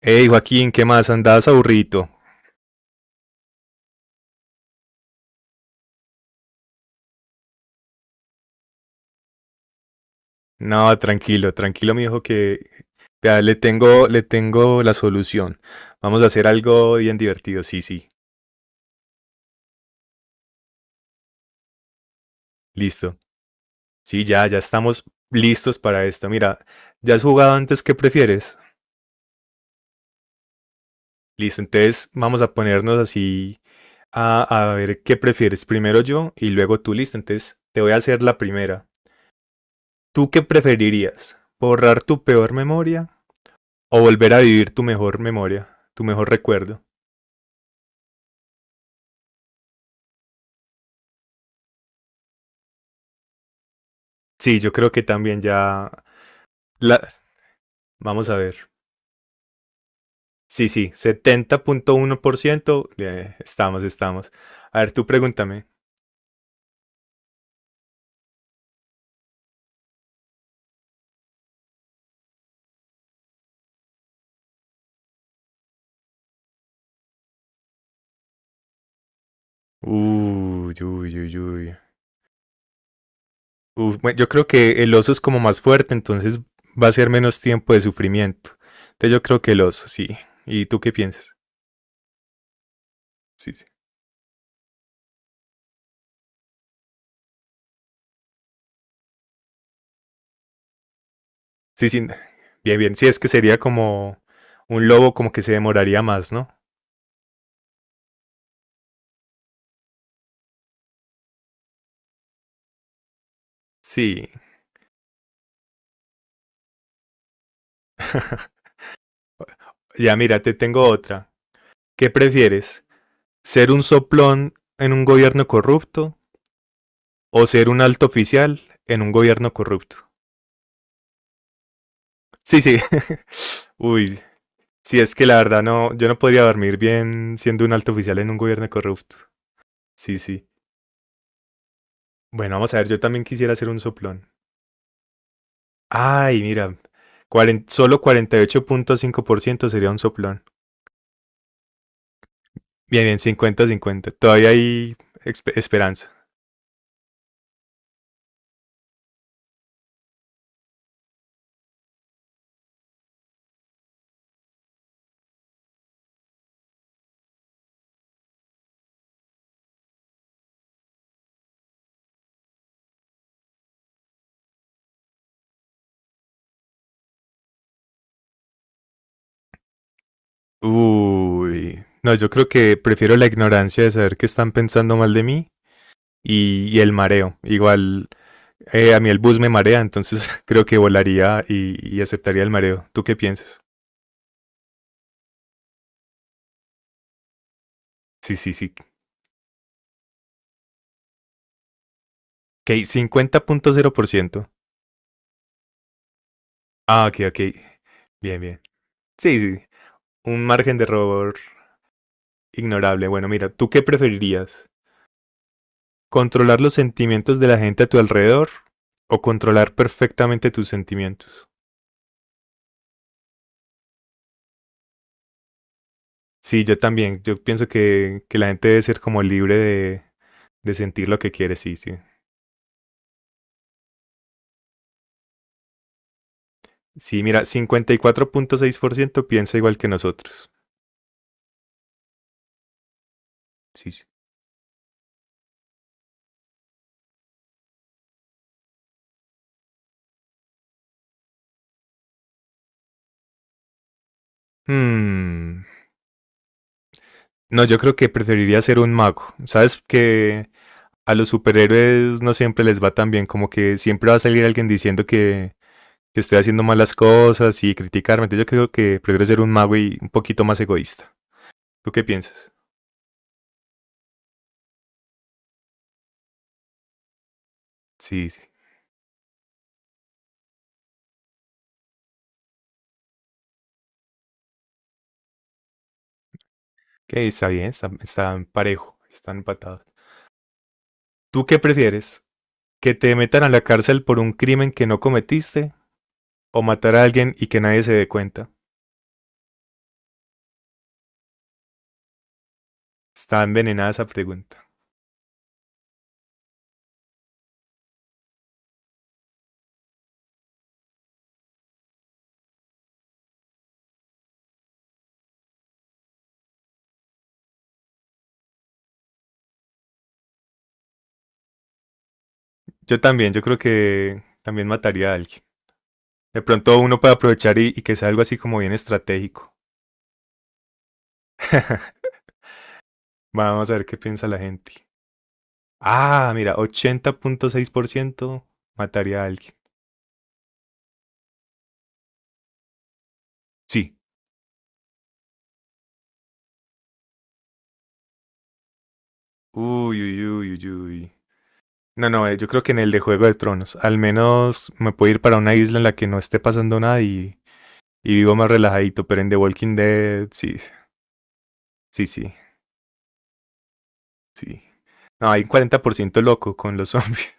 Hey Joaquín, ¿qué más? ¿Andabas aburrido? No, tranquilo, tranquilo, mi hijo, que vea, le tengo la solución. Vamos a hacer algo bien divertido. Sí, sí, listo. Sí, ya estamos listos para esto. Mira, ¿ya has jugado antes qué prefieres? Listo, entonces vamos a ponernos así a ver qué prefieres. Primero yo y luego tú, listo. Entonces te voy a hacer la primera. ¿Tú qué preferirías? ¿Borrar tu peor memoria o volver a vivir tu mejor memoria, tu mejor recuerdo? Sí, yo creo que también ya... La... Vamos a ver. Sí, sí, 70.1%, estamos, estamos. A ver, tú pregúntame. Uy, uy, uy, uy. Bueno, yo creo que el oso es como más fuerte, entonces va a ser menos tiempo de sufrimiento. Entonces yo creo que el oso, sí. ¿Y tú qué piensas? Sí, sí. Sí, sí. Bien, bien. Sí, es que sería como un lobo como que se demoraría más, ¿no? Sí. Ya, mira, te tengo otra. ¿Qué prefieres? ¿Ser un soplón en un gobierno corrupto o ser un alto oficial en un gobierno corrupto? Sí, sí. Uy, sí, es que la verdad no, yo no podría dormir bien siendo un alto oficial en un gobierno corrupto. Sí, sí. Bueno, vamos a ver, yo también quisiera ser un soplón. Ay, mira, solo 48.5% sería un soplón. Bien, bien, 50-50. Todavía hay esperanza. No, yo creo que prefiero la ignorancia de saber que están pensando mal de mí y el mareo. Igual a mí el bus me marea, entonces creo que volaría y aceptaría el mareo. ¿Tú qué piensas? Sí, sí, sí. Ok, 50.0%. Ah, ok, ok. Bien, bien. Sí, sí. Un margen de error ignorable. Bueno, mira, ¿tú qué preferirías? ¿Controlar los sentimientos de la gente a tu alrededor o controlar perfectamente tus sentimientos? Sí, yo también. Yo pienso que la gente debe ser como libre de sentir lo que quiere, sí, sí. Sí, mira, 54.6% piensa igual que nosotros. Sí, sí. Hmm, no, yo creo que preferiría ser un mago. Sabes que a los superhéroes no siempre les va tan bien, como que siempre va a salir alguien diciendo que estoy haciendo malas cosas y criticarme. Entonces yo creo que prefiero ser un mago y un poquito más egoísta. ¿Tú qué piensas? Sí, sí. Que está bien, están parejo, están empatados. ¿Tú qué prefieres? ¿Que te metan a la cárcel por un crimen que no cometiste o matar a alguien y que nadie se dé cuenta? Está envenenada esa pregunta. Yo también, yo creo que también mataría a alguien. De pronto uno puede aprovechar y que sea algo así como bien estratégico. Vamos a ver qué piensa la gente. Ah, mira, 80.6% mataría a alguien. Sí. Uy, uy, uy, uy, uy. No, no, yo creo que en el de Juego de Tronos. Al menos me puedo ir para una isla en la que no esté pasando nada y vivo más relajadito. Pero en The Walking Dead, sí, sí, sí, sí. No, hay un 40% loco con los zombies.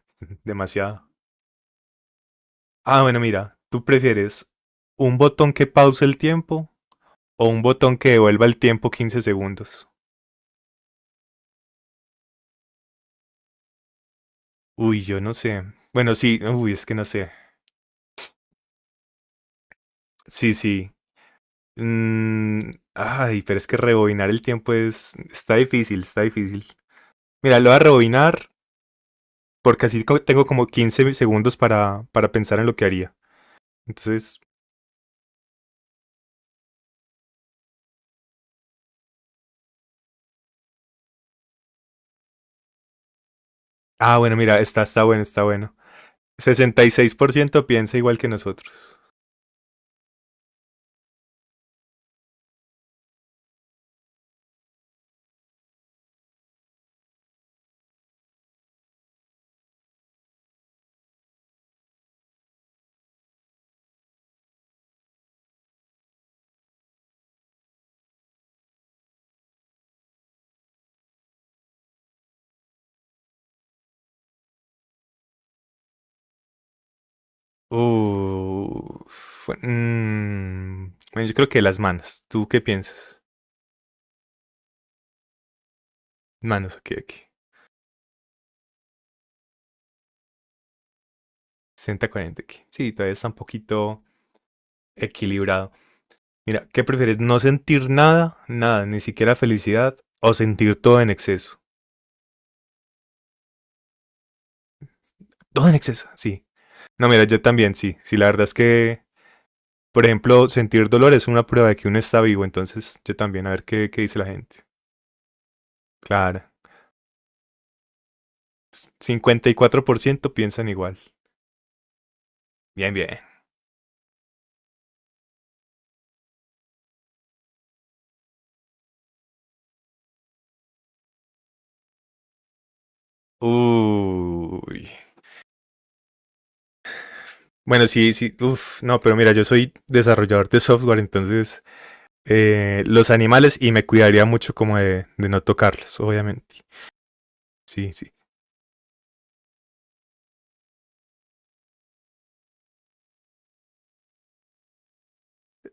Demasiado. Ah, bueno, mira, ¿tú prefieres un botón que pause el tiempo o un botón que devuelva el tiempo 15 segundos? Yo no sé. Bueno, sí, es que no sé. Sí, sí. Ay, pero es que rebobinar el tiempo es... está difícil, está difícil. Mira, lo voy a rebobinar porque así tengo como 15 segundos para pensar en lo que haría. Entonces, ah, bueno, mira, está, está bueno, está bueno. 66% piensa igual que nosotros. Bueno, yo creo que las manos. ¿Tú qué piensas? Manos, ok, ok. 60-40 aquí. Sí, todavía está un poquito equilibrado. Mira, ¿qué prefieres? ¿No sentir nada? Nada, ni siquiera felicidad. ¿O sentir todo en exceso? Todo en exceso, sí. No, mira, yo también, sí. Sí, la verdad es que, por ejemplo, sentir dolor es una prueba de que uno está vivo. Entonces, yo también, a ver qué, qué dice la gente. Claro. 54% piensan igual. Bien, bien. Uy. Bueno, sí, sí, no, pero mira, yo soy desarrollador de software, entonces los animales y me cuidaría mucho como de no tocarlos, obviamente. Sí, sí.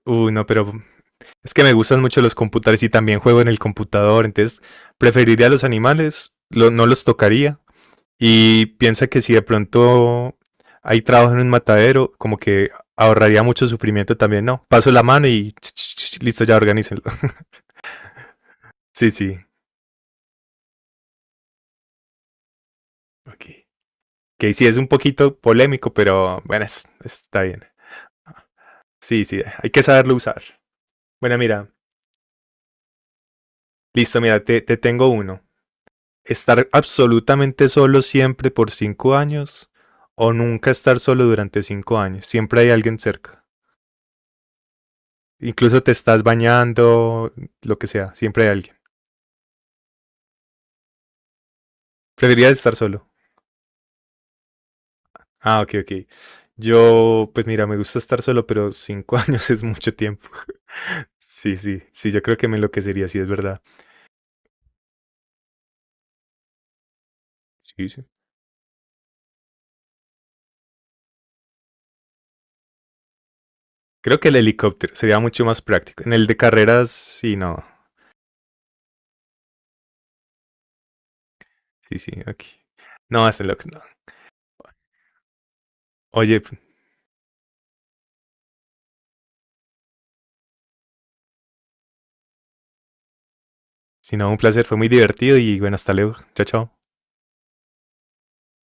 No, pero es que me gustan mucho los computadores y también juego en el computador, entonces preferiría los animales, no los tocaría. Y piensa que si de pronto hay trabajo en un matadero, como que ahorraría mucho sufrimiento también, ¿no? Paso la mano y listo, ya organícenlo. Sí, sí. Ok. Que sí es un poquito polémico, pero bueno, está bien. Sí, sí, hay que saberlo usar. Bueno, mira, listo, mira, te tengo uno. Estar absolutamente solo siempre por 5 años o nunca estar solo durante 5 años. Siempre hay alguien cerca. Incluso te estás bañando, lo que sea, siempre hay alguien. Preferirías estar solo. Ah, ok, ok. Yo, pues mira, me gusta estar solo, pero cinco años es mucho tiempo. Sí, sí, sí, yo creo que me enloquecería, sí, es verdad. Sí, sí. Creo que el helicóptero sería mucho más práctico. En el de carreras, sí, no. Sí, sí, aquí. No, hasta luego. No. Oye, pues, si no, un placer, fue muy divertido y bueno, hasta luego. Chao, chao.